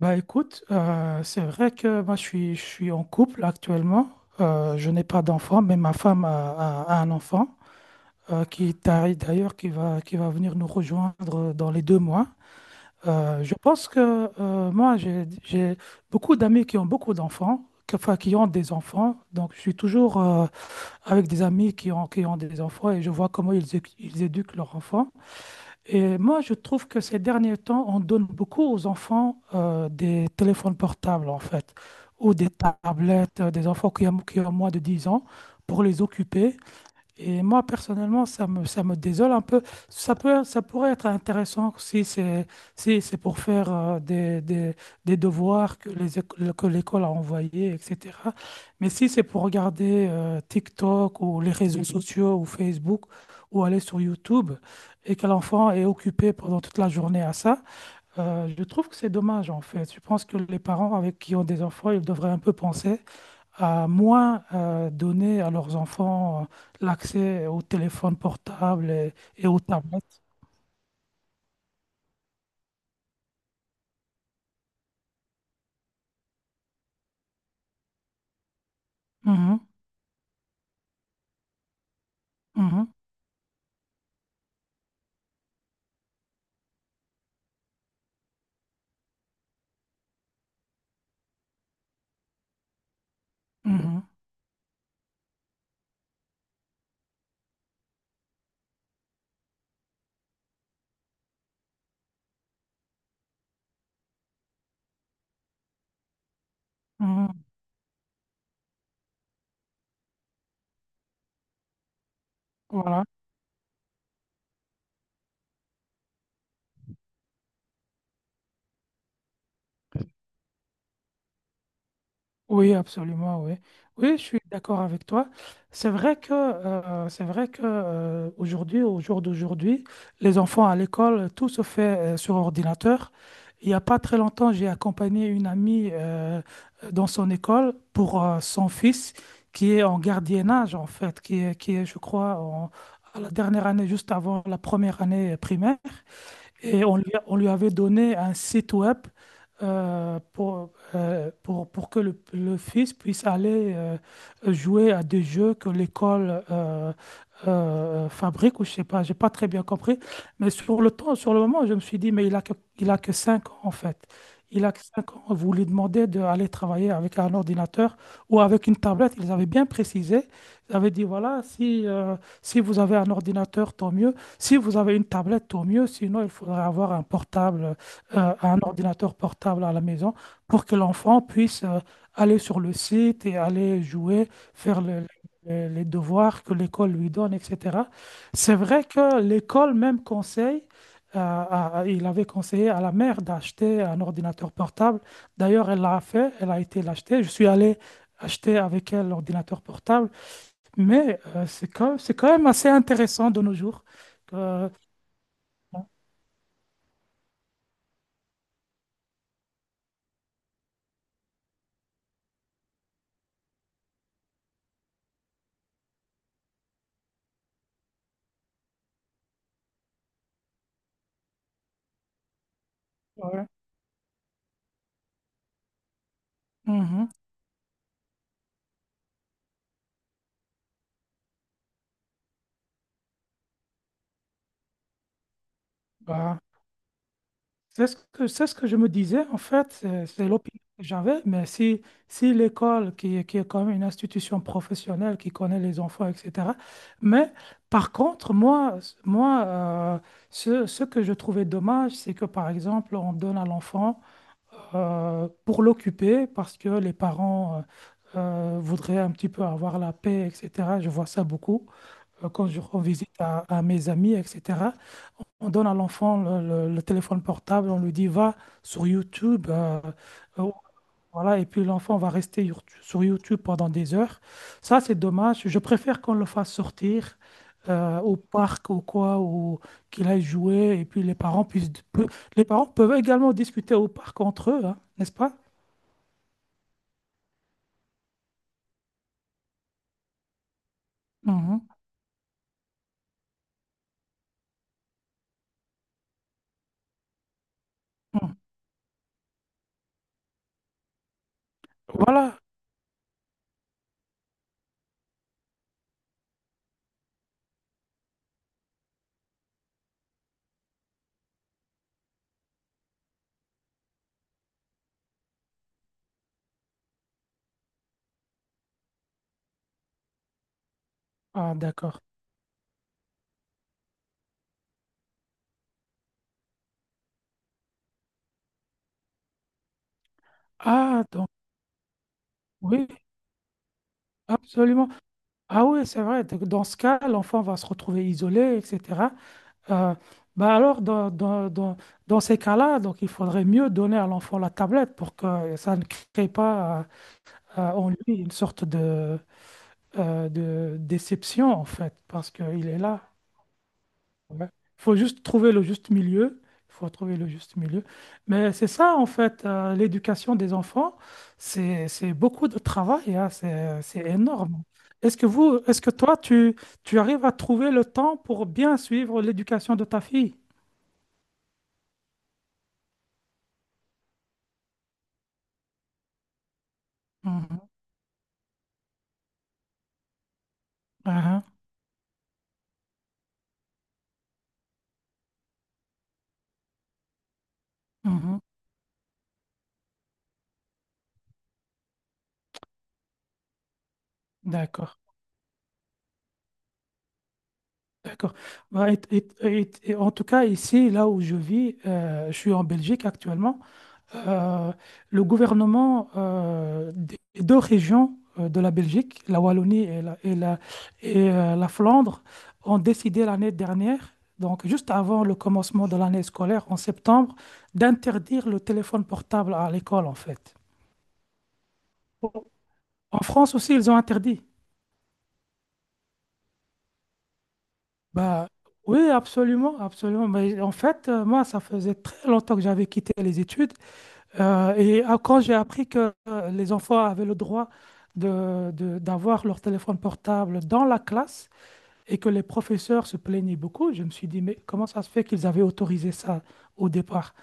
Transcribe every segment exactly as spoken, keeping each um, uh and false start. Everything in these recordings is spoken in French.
Bah écoute, euh, c'est vrai que moi je suis, je suis en couple actuellement. Euh, je n'ai pas d'enfant, mais ma femme a, a- a un enfant euh, qui t'arrive d'ailleurs, qui va, qui va venir nous rejoindre dans les deux mois. Euh, je pense que euh, moi j'ai, j'ai beaucoup d'amis qui ont beaucoup d'enfants, que- enfin qui ont des enfants. Donc je suis toujours euh, avec des amis qui ont, qui ont des enfants et je vois comment ils, éc- ils éduquent leurs enfants. Et moi, je trouve que ces derniers temps, on donne beaucoup aux enfants euh, des téléphones portables, en fait, ou des tablettes, euh, des enfants qui ont, qui ont moins de dix ans, pour les occuper. Et moi, personnellement, ça me, ça me désole un peu. Ça peut, ça pourrait être intéressant si c'est, si c'est pour faire euh, des, des, des devoirs que les, éco- que l'école a envoyés, et cetera. Mais si c'est pour regarder euh, TikTok ou les réseaux Mhm. sociaux ou Facebook ou aller sur YouTube et que l'enfant est occupé pendant toute la journée à ça, euh, je trouve que c'est dommage en fait. Je pense que les parents avec qui ont des enfants, ils devraient un peu penser à moins euh, donner à leurs enfants euh, l'accès aux téléphones portables et, et aux tablettes. Mhm, mhm, mhm, mhm. Voilà. Oui, absolument, oui. Oui, je suis d'accord avec toi. C'est vrai que, euh, c'est vrai que euh, aujourd'hui, au jour d'aujourd'hui, les enfants à l'école, tout se fait euh, sur ordinateur. Il n'y a pas très longtemps, j'ai accompagné une amie euh, dans son école pour euh, son fils qui est en gardiennage, en fait, qui est, qui est, je crois, en- à la dernière année, juste avant la première année primaire. Et on lui, a- on lui avait donné un site web euh, pour, euh, pour, pour que le, le fils puisse aller euh, jouer à des jeux que l'école euh, euh, fabrique, ou je sais pas, j'ai pas très bien compris. Mais sur le temps, sur le moment, je me suis dit, mais il a que, il a que cinq ans en fait. Il a que cinq ans. Vous lui demandez d'aller travailler avec un ordinateur ou avec une tablette. Ils avaient bien précisé. Ils avaient dit, voilà, si, euh, si vous avez un ordinateur, tant mieux. Si vous avez une tablette, au mieux. Sinon, il faudrait avoir un portable, euh, un ordinateur portable à la maison pour que l'enfant puisse euh, aller sur le site et aller jouer, faire le- le- les devoirs que l'école lui donne, et cetera. C'est vrai que l'école même conseille, euh, à- à- il avait conseillé à la mère d'acheter un ordinateur portable. D'ailleurs, elle l'a fait, elle a été l'acheter. Je suis allé acheter avec elle l'ordinateur portable, mais euh, c'est quand, c'est quand même assez intéressant de nos jours. Ouais. Mhm. Bah, c'est ce que, c'est ce que je me disais, en fait, c'est c'est l'opinion que j'avais, mais si, si l'école, qui, est- qui est quand même une institution professionnelle, qui connaît les enfants, et cetera. Mais par contre, moi, s- moi euh, ce, ce que je trouvais dommage, c'est que, par exemple, on donne à l'enfant euh, pour l'occuper, parce que les parents euh, euh, voudraient un petit peu avoir la paix, et cetera. Je vois ça beaucoup. Euh, quand je rends visite à, à mes amis, et cetera, on on donne à l'enfant le, le- le téléphone portable, on lui dit va sur YouTube, euh, euh, voilà, et puis l'enfant va rester your- sur YouTube pendant des heures. Ça, c'est dommage. Je préfère qu'on le fasse sortir euh, au parc ou quoi, ou qu'il aille jouer, et puis les parents puissent, peu- les parents peuvent également discuter au parc entre eux, hein, n'est-ce pas? Mhm. Mhm. Voilà. Ah, d'accord. Ah, donc, oui, absolument. Ah oui, c'est vrai. Donc, dans ce cas, l'enfant va se retrouver isolé, et cetera. Euh, bah alors, dans, dans, dans, dans ces cas-là, donc il faudrait mieux donner à l'enfant la tablette pour que ça ne crée pas euh, euh, en lui une sorte de, euh, de déception, en fait, parce qu'il est là. Ouais. Faut juste trouver le juste milieu. Il faut trouver le juste milieu. Mais c'est ça, en fait, euh, l'éducation des enfants, c'est, c'est beaucoup de travail, hein, c'est, c'est énorme. Est-ce que vous, est-ce que toi, tu, tu arrives à trouver le temps pour bien suivre l'éducation de ta fille? Mhm. Aha, mhm. D'accord, d'accord. Bah, et- et- et- et en tout cas, ici, là où je vis, euh, je suis en Belgique actuellement. euh, le gouvernement euh, des deux régions euh, de la Belgique, la Wallonie et la, et la, et, euh, la Flandre, ont décidé l'année dernière, donc juste avant le commencement de l'année scolaire en septembre, d'interdire le téléphone portable à l'école en fait. En France aussi, ils ont interdit. Bah, oui, absolument, absolument. Mais en fait, euh, moi, ça faisait très longtemps que j'avais quitté les études. Euh, et ah, quand j'ai appris que euh, les enfants avaient le droit de, de- d'avoir leur téléphone portable dans la classe et que les professeurs se plaignaient beaucoup, je me suis dit, mais comment ça se fait qu'ils avaient autorisé ça au départ?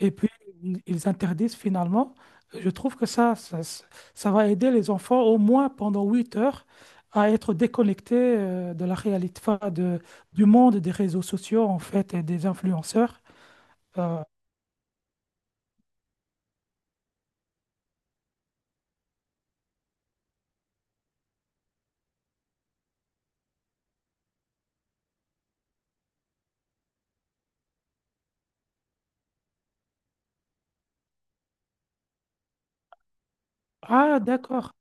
Et puis, ils ils interdisent finalement. Je trouve que ça, ça, ça- ça va aider les enfants au moins pendant huit heures à être déconnectés euh, de la réalité, enfin, de, du monde des réseaux sociaux en fait et des influenceurs. Euh, ah, d'accord.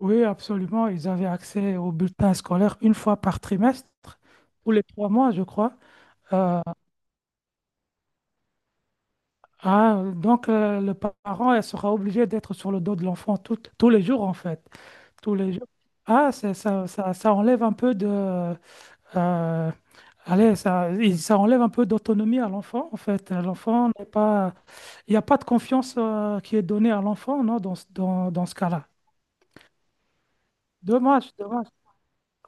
Oui, absolument. Ils avaient accès au bulletin scolaire une fois par trimestre, tous les trois mois, je crois. Euh, ah, donc, euh, le pa- parent elle sera obligé d'être sur le dos de l'enfant tout- tous les jours, en fait. Tous les jours. Ah, c'est- ça, ça, ça enlève un peu de... euh, allez, ça, il- ça enlève un peu d'autonomie à l'enfant, en fait. L'enfant n'est pas. Il n'y a pas de confiance, euh, qui est donnée à l'enfant, non, dans, ce- dans, dans ce cas-là. Dommage, dommage.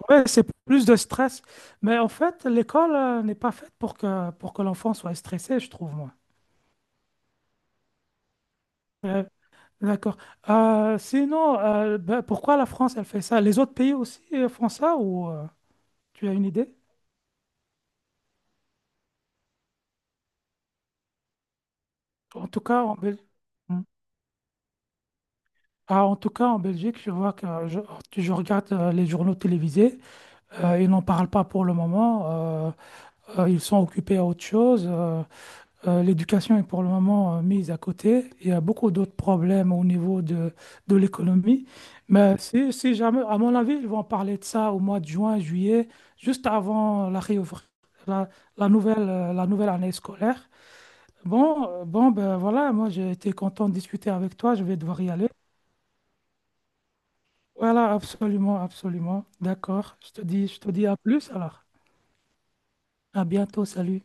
Ouais, c'est plus de stress. Mais en fait, l'école euh, n'est pas faite pour que, pour que l'enfant soit stressé, je trouve, moi. Euh, d'accord. Euh, sinon, euh, ben, pourquoi la France, elle fait ça? Les autres pays aussi euh, font ça ou euh, tu as une idée? En tout cas, en Belgique. Ah, en tout cas, en Belgique, je vois que je, tu- je regarde euh, les journaux télévisés. Euh, ils n'en parlent pas pour le moment. euh, euh, Ils sont occupés à autre chose. euh, Euh, l'éducation est pour le moment euh, mise à côté. Il y a beaucoup d'autres problèmes au niveau de, de l'économie. Mais si, si jamais, à mon avis, ils vont parler de ça au mois de juin, juillet, juste avant la, réouvr- la, la nouvelle, euh, la nouvelle année scolaire. Bon, euh, bon, ben voilà, moi j'ai été content de discuter avec toi. Je vais devoir y aller. Voilà, absolument, absolument. D'accord. Je te dis, je te dis à plus alors. À bientôt. Salut.